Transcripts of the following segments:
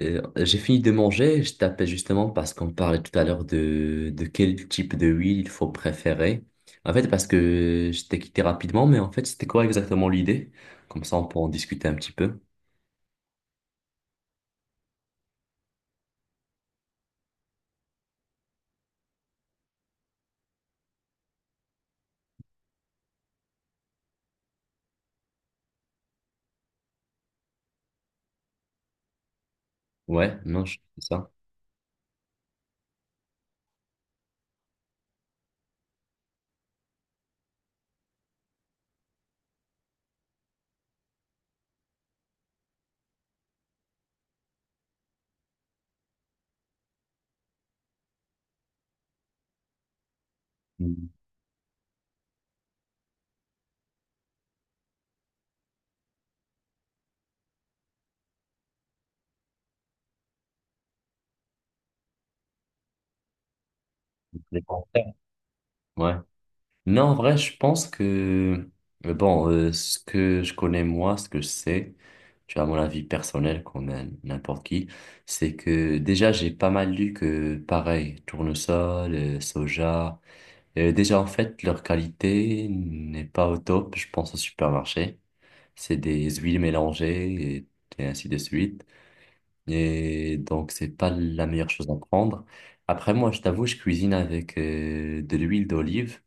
J'ai fini de manger, je t'appelle justement parce qu'on parlait tout à l'heure de quel type de huile il faut préférer. En fait, parce que je t'ai quitté rapidement, mais en fait, c'était quoi exactement l'idée? Comme ça, on peut en discuter un petit peu. Ouais, non, je c'est ça. Mm. Les commentaires. Ouais. Non, en vrai, je pense que, bon, ce que je connais moi, ce que je sais, tu vois, mon avis personnel, qu'on a n'importe qui, c'est que déjà, j'ai pas mal lu que, pareil, tournesol, soja. Déjà, en fait, leur qualité n'est pas au top, je pense, au supermarché. C'est des huiles mélangées et ainsi de suite. Et donc, c'est pas la meilleure chose à prendre. Après, moi, je t'avoue, je cuisine avec de l'huile d'olive.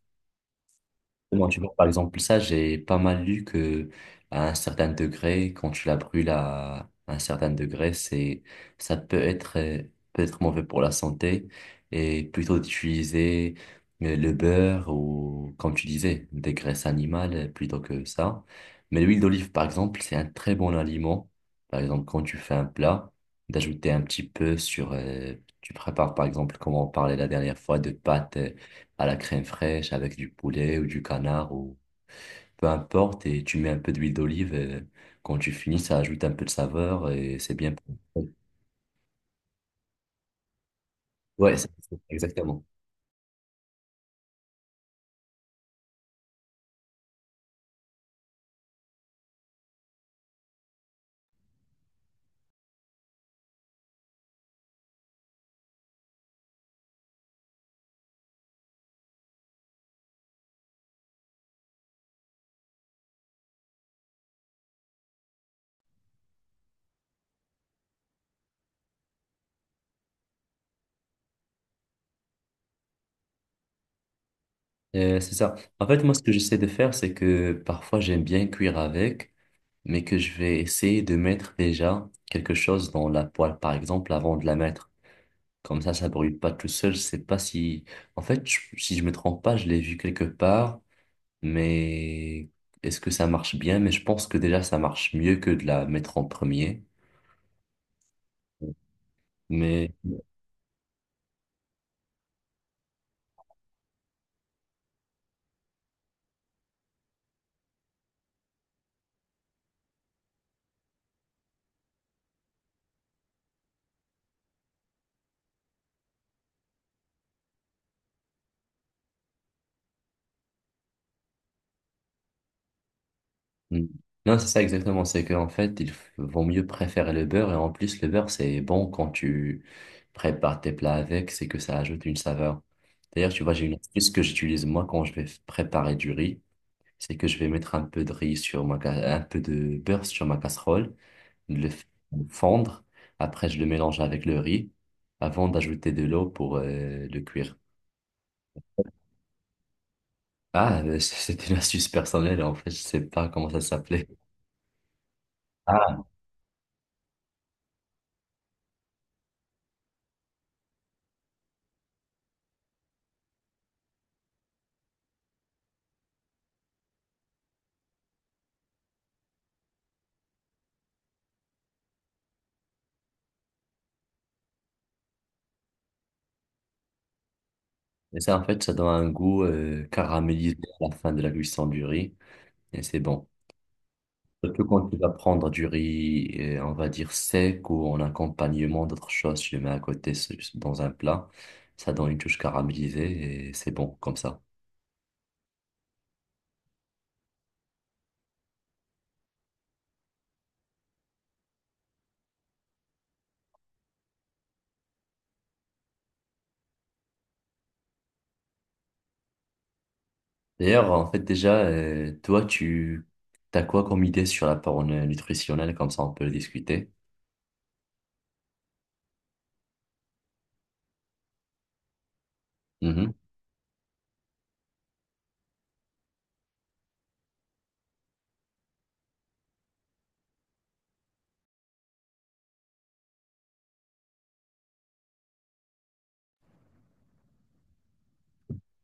Moi, tu vois, par exemple, ça, j'ai pas mal lu que à un certain degré, quand tu la brûles à un certain degré, ça peut être mauvais pour la santé et plutôt d'utiliser le beurre ou, comme tu disais, des graisses animales plutôt que ça. Mais l'huile d'olive, par exemple, c'est un très bon aliment. Par exemple, quand tu fais un plat, d'ajouter un petit peu tu prépares, par exemple, comme on parlait la dernière fois, de pâtes à la crème fraîche avec du poulet ou du canard ou peu importe et tu mets un peu d'huile d'olive et quand tu finis ça ajoute un peu de saveur et c'est bien. Ouais, exactement. C'est ça. En fait, moi, ce que j'essaie de faire, c'est que parfois j'aime bien cuire avec, mais que je vais essayer de mettre déjà quelque chose dans la poêle, par exemple, avant de la mettre. Comme ça brûle pas tout seul. Je sais pas si, en fait, si je me trompe pas, je l'ai vu quelque part. Mais est-ce que ça marche bien? Mais je pense que déjà ça marche mieux que de la mettre en premier. Mais mm. Non, c'est ça exactement. C'est qu'en fait, il vaut mieux préférer le beurre. Et en plus, le beurre, c'est bon quand tu prépares tes plats avec, c'est que ça ajoute une saveur. D'ailleurs, tu vois, j'ai une astuce que j'utilise moi quand je vais préparer du riz. C'est que je vais mettre un peu de beurre sur ma casserole. Le fondre. Après, je le mélange avec le riz avant d'ajouter de l'eau pour le cuire. Ah, c'était une astuce personnelle. En fait, je sais pas comment ça s'appelait. Ah, mais ça, en fait, ça donne un goût caramélisé à la fin de la cuisson du riz. Et c'est bon. Surtout quand tu vas prendre du riz, on va dire sec ou en accompagnement d'autres choses, tu le mets à côté dans un plat. Ça donne une touche caramélisée et c'est bon comme ça. D'ailleurs, en fait, déjà, toi, tu as quoi comme idée sur la parole nutritionnelle? Comme ça, on peut le discuter. Mhm.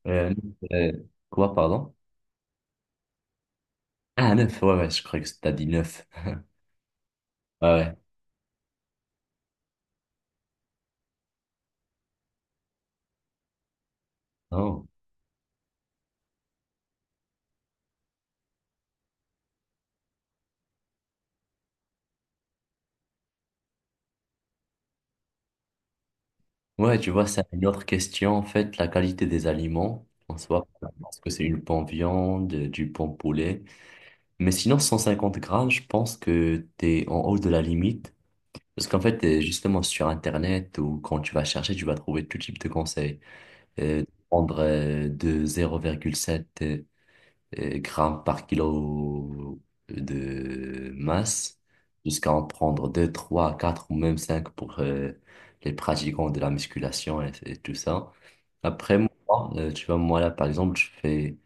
Euh, euh, quoi, pardon? Ah, neuf, ouais, ouais, je croyais que t'as dit neuf. Ouais, ouais. Oh. Ouais, tu vois, c'est une autre question, en fait, la qualité des aliments, en soi, parce que c'est une bonne viande, du bon poulet. Mais sinon, 150 grammes, je pense que t'es en haut de la limite. Parce qu'en fait, justement, sur Internet ou quand tu vas chercher, tu vas trouver tout type de conseils. euh, Prendre de 0,7 grammes par kilo de masse jusqu'à en prendre 2 3 4 ou même 5 pour les pratiquants de la musculation et tout ça. Après, moi, tu vois, moi là, par exemple,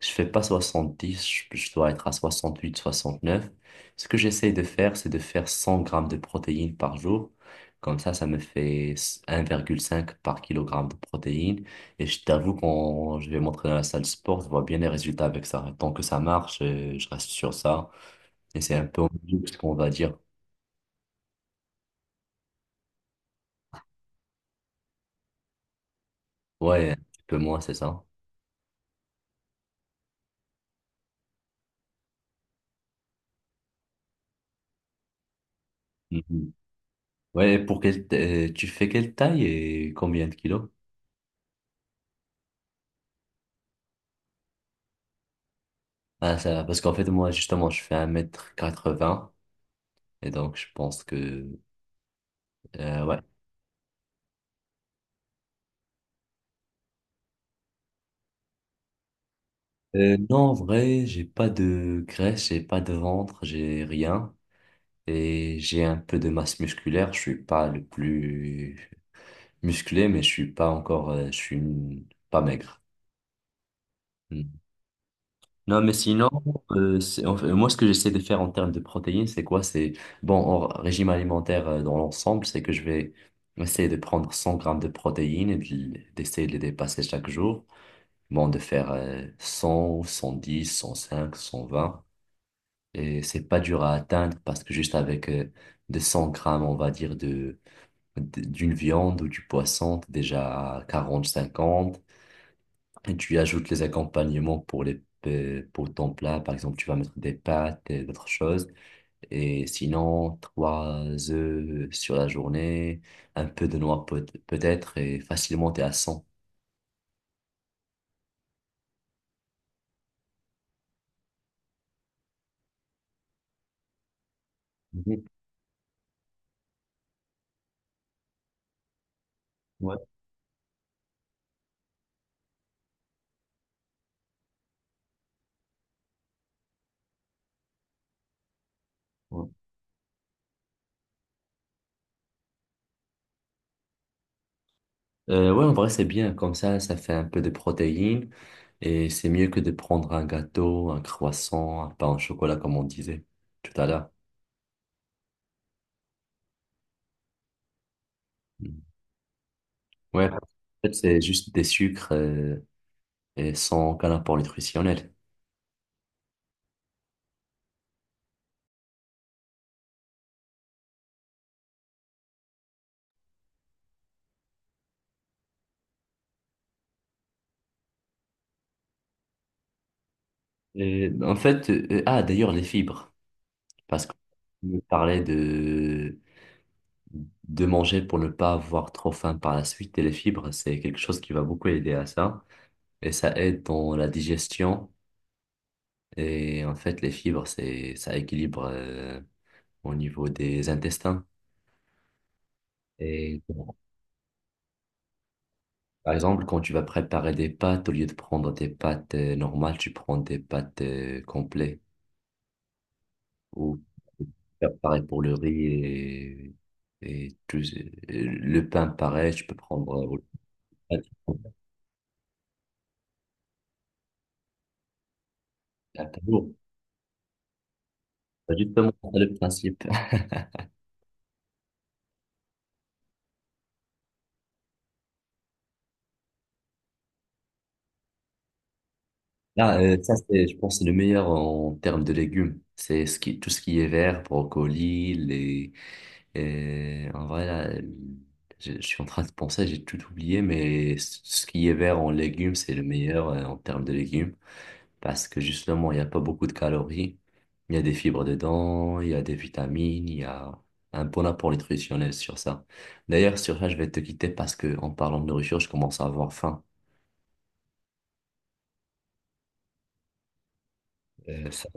je fais pas 70, je dois être à 68 69. Ce que j'essaie de faire, c'est de faire 100 grammes de protéines par jour. Comme ça me fait 1,5 par kilogramme de protéines. Et je t'avoue, quand je vais m'entraîner à la salle de sport, je vois bien les résultats avec ça. Tant que ça marche, je reste sur ça. Et c'est un peu ce qu'on va dire. Ouais, un petit peu moins, c'est ça. Mhm. Ouais, tu fais quelle taille et combien de kilos? Ah, ça, parce qu'en fait, moi, justement, je fais un mètre quatre 80. Et donc, je pense que, ouais. Non, en vrai, j'ai pas de graisse, j'ai pas de ventre, j'ai rien. Et j'ai un peu de masse musculaire. Je suis pas le plus musclé, mais je suis pas encore, je suis pas maigre. Mm. Non, mais sinon, en fait, moi, ce que j'essaie de faire en termes de protéines, c'est quoi? C'est, bon, en régime alimentaire, dans l'ensemble, c'est que je vais essayer de prendre 100 grammes de protéines et d'essayer de les dépasser chaque jour. Bon, de faire 100, 110, 105, 120. Et c'est pas dur à atteindre parce que juste avec 200 grammes, on va dire, d'une viande ou du poisson, t'es déjà à 40, 50. Et tu y ajoutes les accompagnements pour ton plat, par exemple, tu vas mettre des pâtes et d'autres choses. Et sinon, trois œufs sur la journée, un peu de noix peut-être, et facilement, t'es à 100. Mhm. Ouais, ouais. Ouais, en vrai, c'est bien. Comme ça fait un peu de protéines et c'est mieux que de prendre un gâteau, un croissant, un pain au chocolat, comme on disait tout à l'heure. Mm. Ouais, en fait, c'est juste des sucres et sans aucun apport nutritionnel. Et, en fait, ah, d'ailleurs, les fibres. Parce qu'on parlait de manger pour ne pas avoir trop faim par la suite et les fibres, c'est quelque chose qui va beaucoup aider à ça. Et ça aide dans la digestion. Et en fait, les fibres, ça équilibre au niveau des intestins. Et bon, par exemple, quand tu vas préparer des pâtes, au lieu de prendre des pâtes normales, tu prends des pâtes complètes. Ou faire pareil pour le riz et, et tout, le pain, pareil, tu peux prendre au- à ta. C'est justement, c'est le principe. Là, ça, c'est, je pense, c'est le meilleur en termes de légumes. C'est ce qui, tout ce qui est vert, brocoli, les. Et en vrai, là, je suis en train de penser, j'ai tout oublié, mais ce qui est vert en légumes, c'est le meilleur en termes de légumes. Parce que justement, il n'y a pas beaucoup de calories. Il y a des fibres dedans, il y a des vitamines, il y a un bon apport nutritionnel sur ça. D'ailleurs, sur ça, je vais te quitter parce que en parlant de nourriture, je commence à avoir faim. Ça